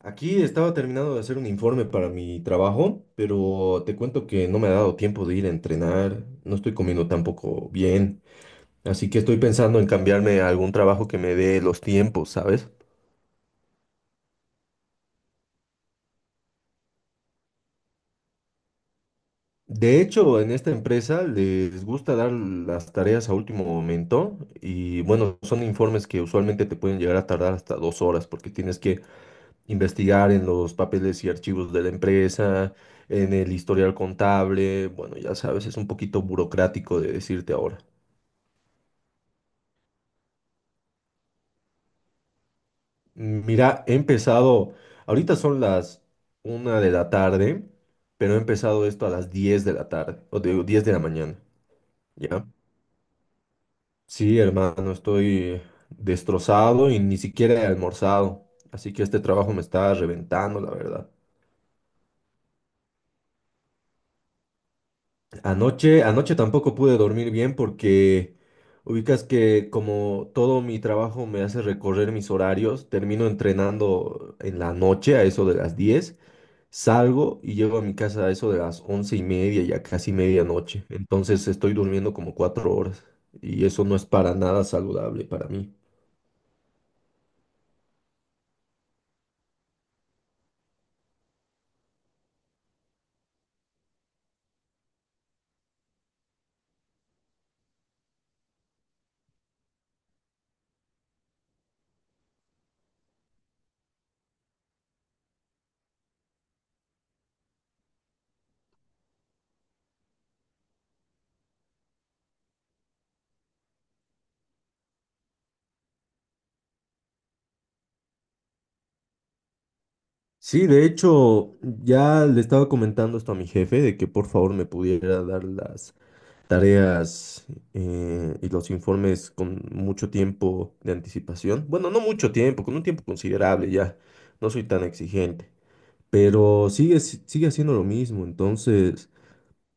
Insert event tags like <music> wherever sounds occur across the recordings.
Aquí estaba terminando de hacer un informe para mi trabajo, pero te cuento que no me ha dado tiempo de ir a entrenar, no estoy comiendo tampoco bien, así que estoy pensando en cambiarme a algún trabajo que me dé los tiempos, ¿sabes? De hecho, en esta empresa les gusta dar las tareas a último momento y bueno, son informes que usualmente te pueden llegar a tardar hasta 2 horas porque tienes que investigar en los papeles y archivos de la empresa, en el historial contable, bueno, ya sabes, es un poquito burocrático de decirte ahora. Mira, he empezado, ahorita son las 1 de la tarde, pero he empezado esto a las 10 de la tarde, o digo, 10 de la mañana, ¿ya? Sí, hermano, estoy destrozado y ni siquiera he almorzado, así que este trabajo me está reventando, la verdad. Anoche tampoco pude dormir bien porque ubicas que como todo mi trabajo me hace recorrer mis horarios, termino entrenando en la noche a eso de las 10, salgo y llego a mi casa a eso de las 11:30, ya casi medianoche. Entonces estoy durmiendo como 4 horas y eso no es para nada saludable para mí. Sí, de hecho, ya le estaba comentando esto a mi jefe de que por favor me pudiera dar las tareas, y los informes con mucho tiempo de anticipación. Bueno, no mucho tiempo, con un tiempo considerable ya. No soy tan exigente, pero sigue, si- sigue haciendo lo mismo. Entonces,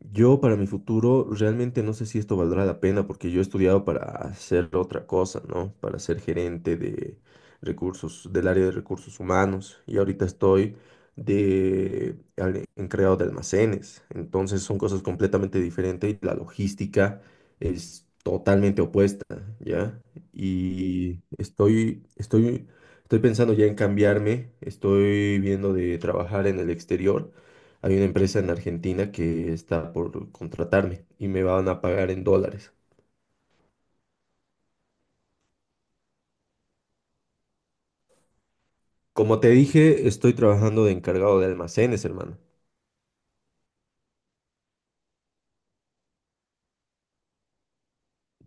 yo para mi futuro realmente no sé si esto valdrá la pena porque yo he estudiado para hacer otra cosa, ¿no? Para ser gerente de recursos, del área de recursos humanos y ahorita estoy en creado de almacenes. Entonces son cosas completamente diferentes y la logística es totalmente opuesta, ¿ya? Y estoy pensando ya en cambiarme, estoy viendo de trabajar en el exterior, hay una empresa en Argentina que está por contratarme y me van a pagar en dólares. Como te dije, estoy trabajando de encargado de almacenes, hermano.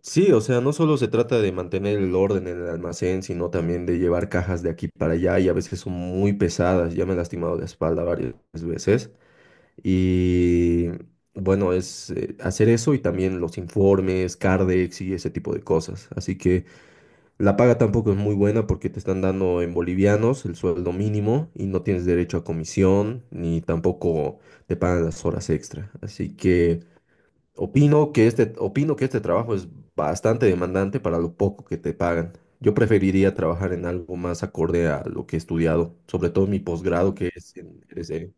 Sí, o sea, no solo se trata de mantener el orden en el almacén, sino también de llevar cajas de aquí para allá y a veces son muy pesadas. Ya me he lastimado la espalda varias veces. Y bueno, es hacer eso y también los informes, Cardex y ese tipo de cosas. Así que... La paga tampoco es muy buena porque te están dando en bolivianos el sueldo mínimo y no tienes derecho a comisión ni tampoco te pagan las horas extra. Así que opino que este trabajo es bastante demandante para lo poco que te pagan. Yo preferiría trabajar en algo más acorde a lo que he estudiado, sobre todo mi posgrado que es en RCE.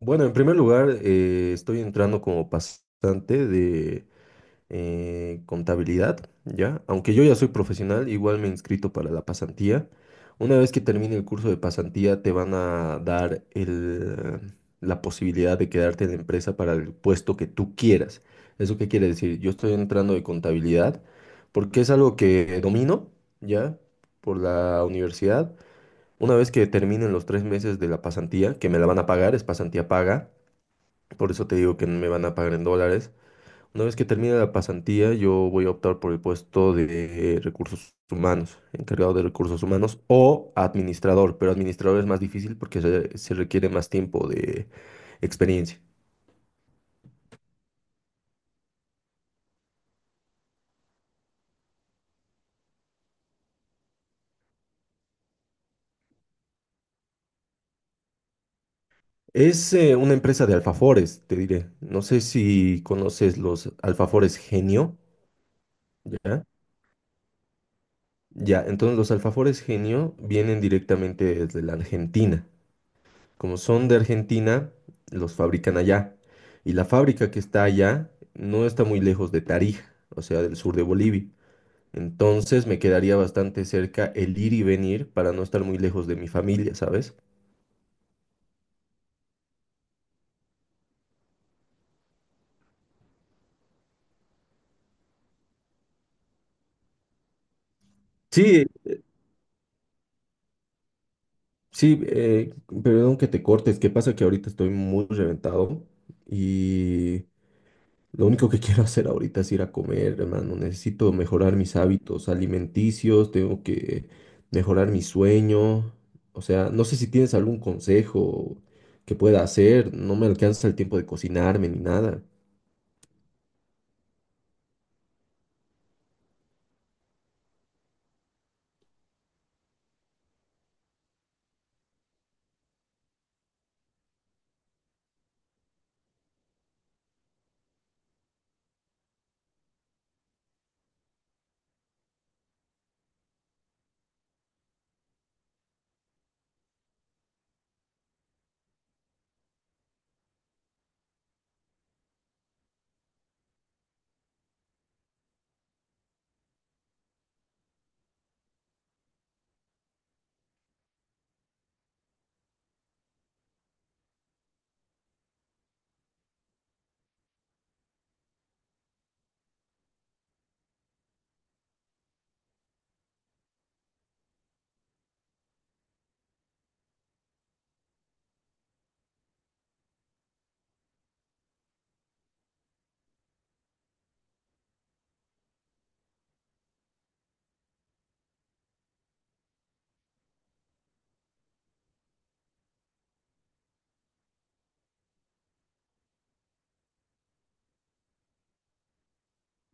Bueno, en primer lugar, estoy entrando como pasante, contabilidad, ¿ya? Aunque yo ya soy profesional, igual me he inscrito para la pasantía. Una vez que termine el curso de pasantía, te van a dar el, la posibilidad de quedarte en la empresa para el puesto que tú quieras. ¿Eso qué quiere decir? Yo estoy entrando de contabilidad porque es algo que domino, ¿ya? Por la universidad. Una vez que terminen los 3 meses de la pasantía, que me la van a pagar, es pasantía paga, por eso te digo que me van a pagar en dólares. Una vez que termine la pasantía, yo voy a optar por el puesto de recursos humanos, encargado de recursos humanos o administrador, pero administrador es más difícil porque se requiere más tiempo de experiencia. Es una empresa de alfafores, te diré. No sé si conoces los alfafores genio, ¿ya? Ya, entonces los alfafores genio vienen directamente desde la Argentina. Como son de Argentina, los fabrican allá. Y la fábrica que está allá no está muy lejos de Tarija, o sea, del sur de Bolivia. Entonces me quedaría bastante cerca el ir y venir para no estar muy lejos de mi familia, ¿sabes? Sí, sí, perdón que te cortes. ¿Qué pasa? Que ahorita estoy muy reventado, y lo único que <laughs> quiero hacer ahorita es ir a comer, hermano. Necesito mejorar mis hábitos alimenticios, tengo que mejorar mi sueño. O sea, no sé si tienes algún consejo que pueda hacer. No me alcanza el tiempo de cocinarme ni nada.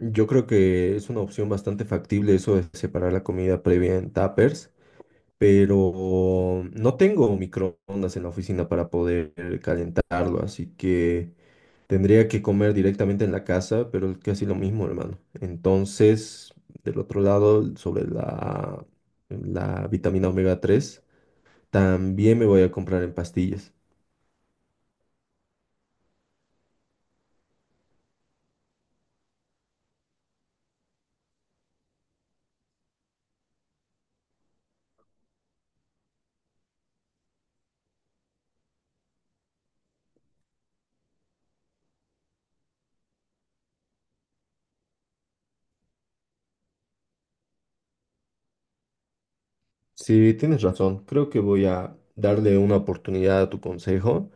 Yo creo que es una opción bastante factible eso de separar la comida previa en tuppers, pero no tengo microondas en la oficina para poder calentarlo, así que... Tendría que comer directamente en la casa, pero es casi lo mismo, hermano. Entonces, del otro lado, sobre la, la vitamina omega 3, también me voy a comprar en pastillas. Sí, tienes razón. Creo que voy a darle una oportunidad a tu consejo.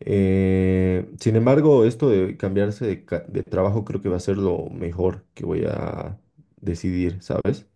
Sin embargo, esto de de trabajo creo que va a ser lo mejor que voy a decidir, ¿sabes?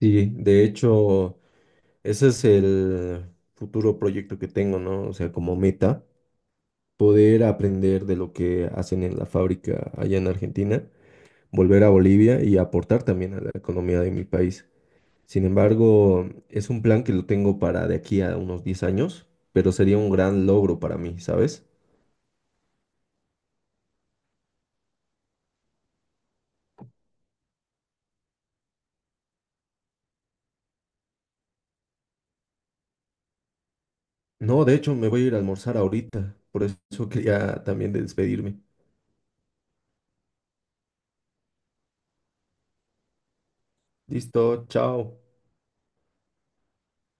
Sí, de hecho... Ese es el futuro proyecto que tengo, ¿no? O sea, como meta, poder aprender de lo que hacen en la fábrica allá en Argentina, volver a Bolivia y aportar también a la economía de mi país. Sin embargo, es un plan que lo tengo para de aquí a unos 10 años, pero sería un gran logro para mí, ¿sabes? No, de hecho, me voy a ir a almorzar ahorita, por eso <laughs> quería también despedirme. Listo, chao.